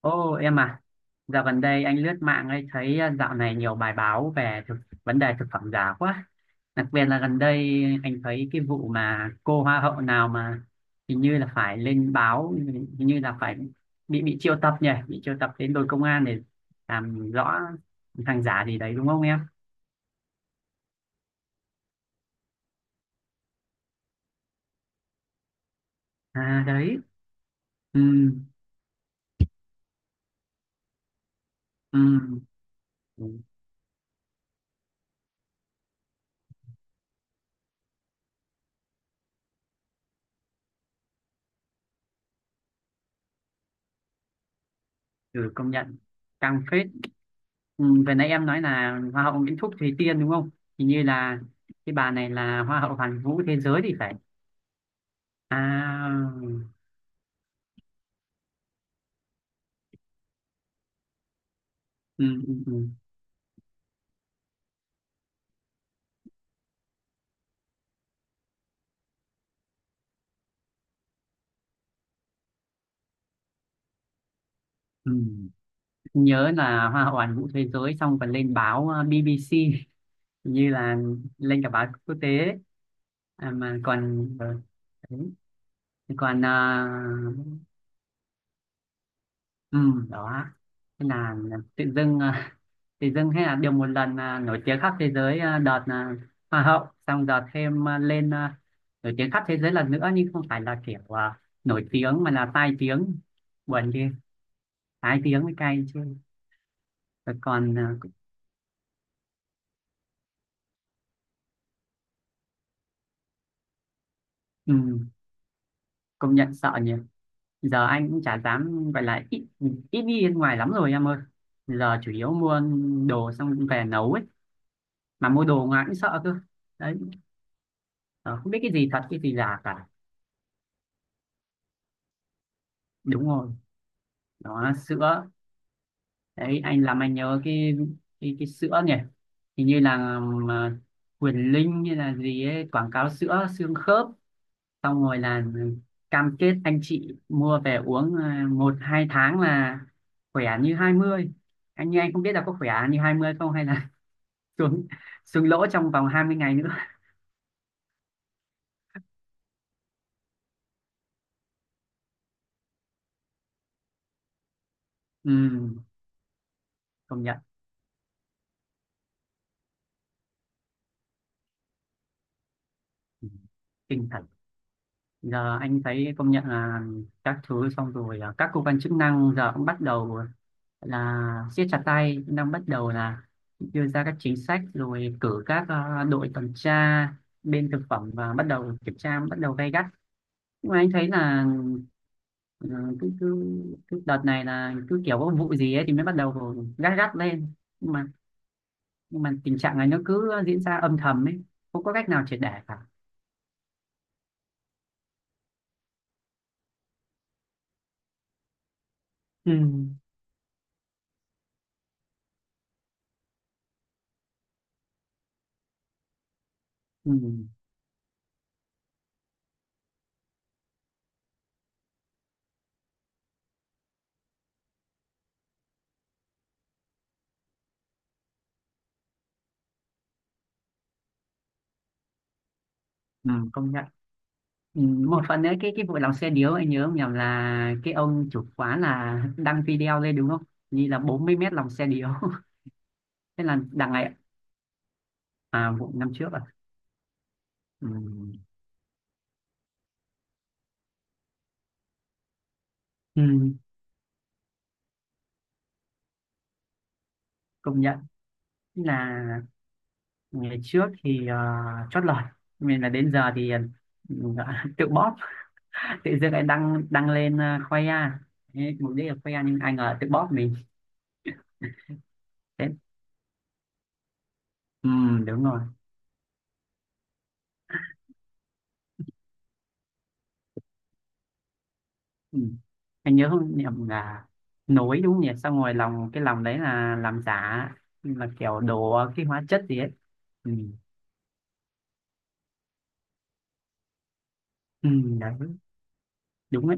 Ô em à, dạo gần đây anh lướt mạng ấy thấy dạo này nhiều bài báo về vấn đề thực phẩm giả quá. Đặc biệt là gần đây anh thấy cái vụ mà cô hoa hậu nào mà hình như là phải lên báo, hình như là phải bị triệu tập nhỉ, bị triệu tập đến đồn công an để làm rõ hàng giả gì đấy đúng không em? À đấy, ừ, ừ, ừ, công nhận căng phết. Ừ, vừa nãy em nói là hoa hậu Nguyễn Thúc Thùy Tiên đúng không? Hình như là cái bà này là hoa hậu hoàn vũ thế giới thì phải. À, ừ, ừ, ừ. Ừ. Nhớ là hoa hậu hoàn vũ thế giới xong còn lên báo BBC hình như là lên cả báo quốc tế ấy. À, mà còn ừ, đấy. Còn ờ, ừ, đó, thế là tự dưng tự dưng hay là được một lần nổi tiếng khắp thế giới đợt hoa hậu xong đợt thêm lên nổi tiếng khắp thế giới lần nữa nhưng không phải là kiểu nổi tiếng mà là tai tiếng, buồn ghê, tai tiếng mới cay chứ. Rồi còn à, ừ, công nhận sợ nhỉ, giờ anh cũng chả dám gọi là ít ít đi bên ngoài lắm rồi em ơi. Giờ chủ yếu mua đồ xong về nấu ấy, mà mua đồ ngoài cũng sợ cơ. Đấy. Ờ, không biết cái gì thật cái gì giả cả. Đúng rồi, đó là sữa. Đấy anh làm anh nhớ cái, cái sữa nhỉ, hình như là Quyền Linh như là gì ấy quảng cáo sữa xương khớp, xong rồi là cam kết anh chị mua về uống một hai tháng là khỏe như hai mươi. Anh như anh không biết là có khỏe như 20 không hay là xuống, xuống lỗ trong vòng 20 ngày nữa. Ừ, công nhận. Ừ, kinh thật. Giờ anh thấy công nhận là các thứ xong rồi các cơ quan chức năng giờ cũng bắt đầu là siết chặt tay, cũng đang bắt đầu là đưa ra các chính sách rồi cử các đội tuần tra bên thực phẩm và bắt đầu kiểm tra bắt đầu gay gắt, nhưng mà anh thấy là ừ, cứ, cứ, cứ đợt này là cứ kiểu có vụ gì ấy thì mới bắt đầu gắt gắt lên, nhưng mà nhưng mà tình trạng này nó cứ diễn ra âm thầm ấy, không có cách nào triệt để cả. Ừ. Ừ, ừ, công nhận. Ừ, một phần nữa cái vụ lòng xe điếu anh nhớ không nhầm là cái ông chủ quán là đăng video lên đúng không, như là 40 mét lòng xe điếu. Thế là đằng này à, vụ năm trước à. Ừ. Ừ, công nhận là ngày trước thì ờ, chót lọt mình là đến giờ thì ừ, tự bóp. Tự dưng lại đăng đăng lên ờ, khoe ra. Thế, mục đích là khoe ra nhưng ai ngờ tự bóp mình. Thế, ừ, đúng rồi. Ừ. Anh nhớ không nhầm là nối đúng không nhỉ? Xong rồi lòng, cái lòng đấy là làm giả, là kiểu đổ cái hóa chất gì ấy. Ừ. Ừ, đấy, đúng ấy.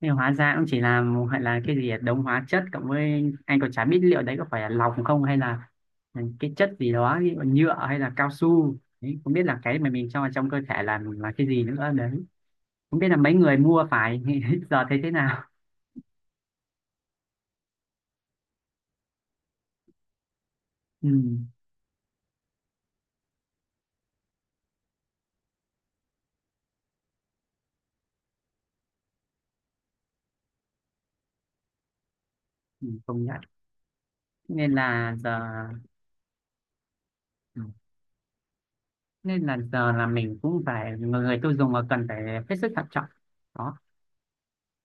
Nhưng hóa ra cũng chỉ là một- hay là cái gì ấy, đống hóa chất cộng với anh còn chả biết liệu đấy có phải là lòng không hay là cái chất gì đó ví dụ nhựa hay là cao su. Đấy, không biết là cái mà mình cho vào trong cơ thể là cái gì nữa đấy. Không biết là mấy người mua phải giờ thấy thế nào. Ừ. Ừ, công nhận. Nên là giờ ừ, nên là giờ là mình cũng phải người tiêu dùng mà cần phải hết sức thận trọng. Đó,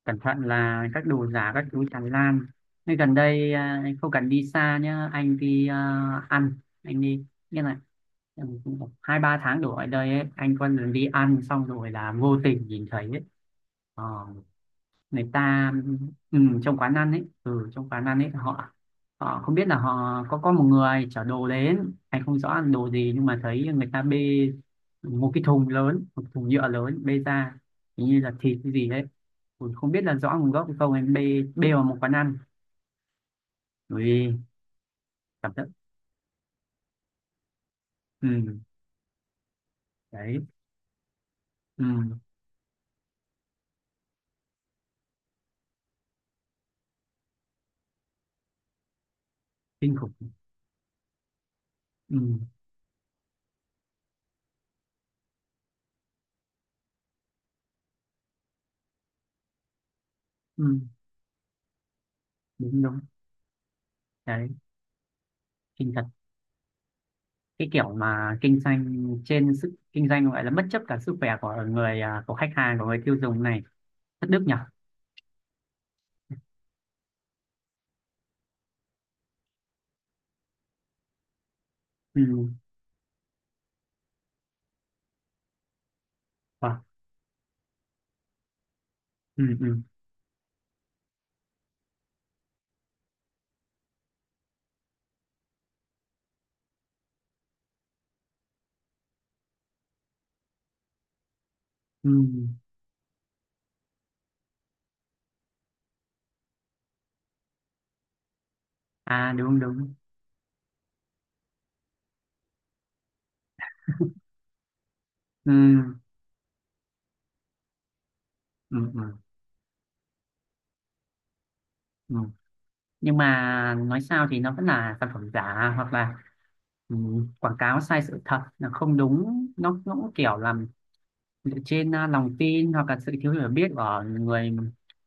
cẩn thận là các đồ giả các thứ tràn lan, nên gần đây à, anh không cần đi xa nhá, anh đi à, ăn, anh đi như này ừ, cũng khoảng 2 3 tháng đổ lại đây ấy, anh có lần đi ăn xong rồi là vô tình nhìn thấy ấy. Ờ, người ta ừ, trong quán ăn ấy, ừ, trong quán ăn ấy họ, họ không biết là họ có một người chở đồ đến, anh không rõ là đồ gì nhưng mà thấy người ta bê một cái thùng lớn, một thùng nhựa lớn bê ra, hình như là thịt cái gì đấy. Ui, không biết là rõ nguồn gốc hay không, em bê bê vào một quán ăn. Ui, cảm giác ừ, đấy, ừ, kinh khủng. Ừ, ừ, đúng đúng. Đấy, kinh thật. Cái kiểu mà kinh doanh trên sức, kinh doanh gọi là bất chấp cả sức khỏe của người à, của khách hàng, của người tiêu dùng này, thất đức nhỉ. Ừ. Vâng. Ừ, ừ, ừ. À đúng đúng. Ừ. Ừ, ừ, ừ. Nhưng mà nói sao thì nó vẫn là sản phẩm giả hoặc là ừ, quảng cáo sai sự thật là không đúng, nó cũng kiểu làm dựa trên à, lòng tin hoặc là sự thiếu hiểu biết của người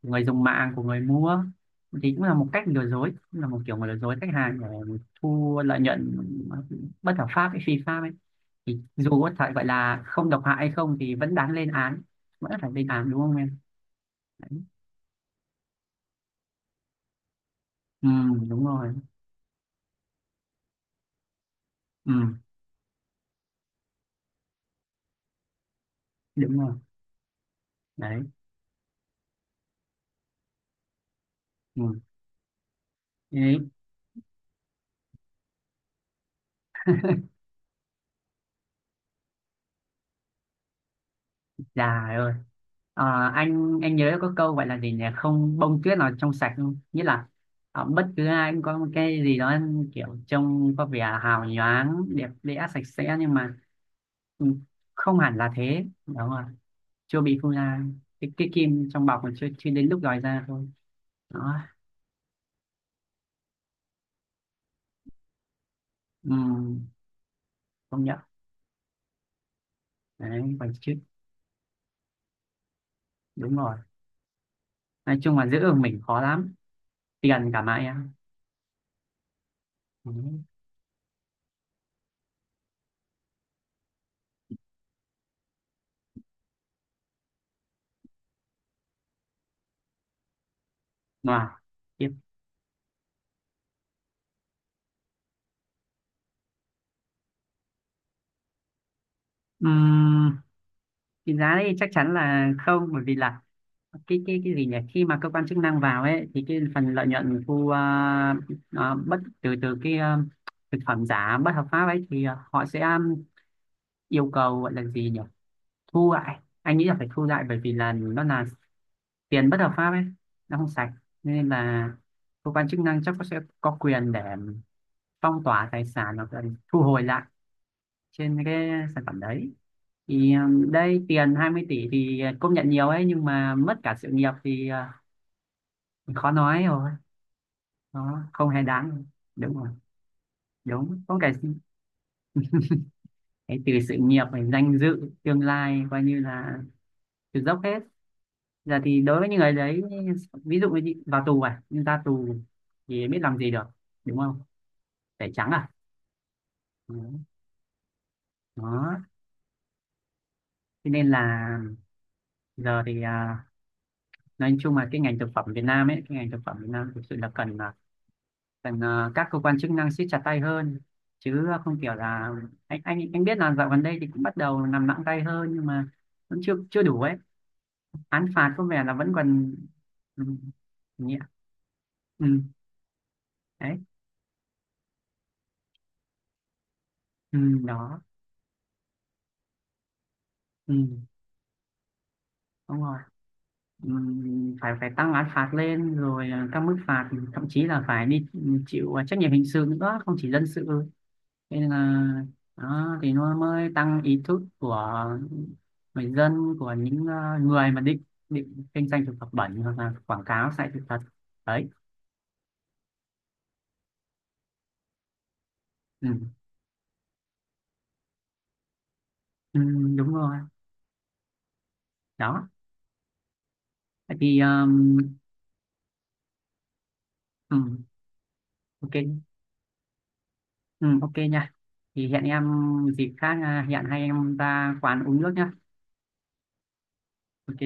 người dùng mạng, của người mua, thì cũng là một cách lừa dối, cũng là một kiểu mà lừa dối khách hàng để thu lợi nhuận bất hợp pháp hay phi pháp ấy, thì dù có thể gọi là không độc hại hay không thì vẫn đáng lên án, vẫn phải lên án đúng không em. Đấy. Ừ, đúng rồi. Ừ, đúng rồi. Đấy. Ừ. Đấy. Dạ ơi. Ờ, anh nhớ có câu gọi là gì nhỉ, không bông tuyết nào trong sạch, không nghĩa là ờ, bất cứ ai cũng có một cái gì đó kiểu trông có vẻ hào nhoáng đẹp đẽ sạch sẽ nhưng mà ừ, không hẳn là thế, đúng rồi. Chưa bị phun ra, cái kim trong bọc còn chưa chưa đến lúc lòi ra thôi. Đó. Ừm, công nhận. Đấy còn chứ, đúng rồi, nói chung là giữ được mình khó lắm, tiền cả mãi em. Đấy. Rồi tiếp, định giá đấy chắc chắn là không, bởi vì là cái cái gì nhỉ, khi mà cơ quan chức năng vào ấy thì cái phần lợi nhuận thu bất từ từ cái ờ, thực phẩm giả bất hợp pháp ấy thì ờ, họ sẽ ờ, yêu cầu gọi là gì nhỉ, thu lại, anh nghĩ là phải thu lại bởi vì là nó là tiền bất hợp pháp ấy, nó không sạch, nên là cơ quan chức năng chắc có sẽ có quyền để phong tỏa tài sản hoặc là thu hồi lại trên cái sản phẩm đấy, thì đây tiền 20 tỷ thì à, công nhận nhiều ấy, nhưng mà mất cả sự nghiệp thì khó nói rồi. Nó không hề đáng, đúng rồi, đúng không kể cái từ sự nghiệp này, danh dự, tương lai coi như là từ dốc hết. Giờ thì đối với những người đấy, ví dụ như vào tù à, nhưng ra tù thì biết làm gì được, đúng không, tẩy trắng à. Đó. Đó. Thế nên là giờ thì à, nói chung là cái ngành thực phẩm Việt Nam ấy, cái ngành thực phẩm Việt Nam thực sự là cần à, rằng ờ, các cơ quan chức năng siết chặt tay hơn chứ ờ, không kiểu là anh biết là dạo gần đây thì cũng bắt đầu làm nặng tay hơn nhưng mà vẫn chưa chưa đủ ấy, án phạt có vẻ là vẫn còn ừ, nhẹ. Ừ, đấy. Ừ, đó. Ừ, đúng rồi. Ừ, phải phải tăng án phạt lên rồi ờ, các mức phạt thậm chí là phải đi chịu à, trách nhiệm hình sự nữa, không chỉ dân sự. Thế nên là đó, thì nó mới tăng ý thức của người dân, của những ờ, người mà định định kinh doanh thực phẩm bẩn hoặc là quảng cáo sai sự thật. Đấy. Ừ. Ừ, đúng rồi. Đó. Vậy thì ừ, ok, ừ, ok nha, thì hẹn em dịp khác à, hẹn hai em ra quán uống nước nhá. Ok.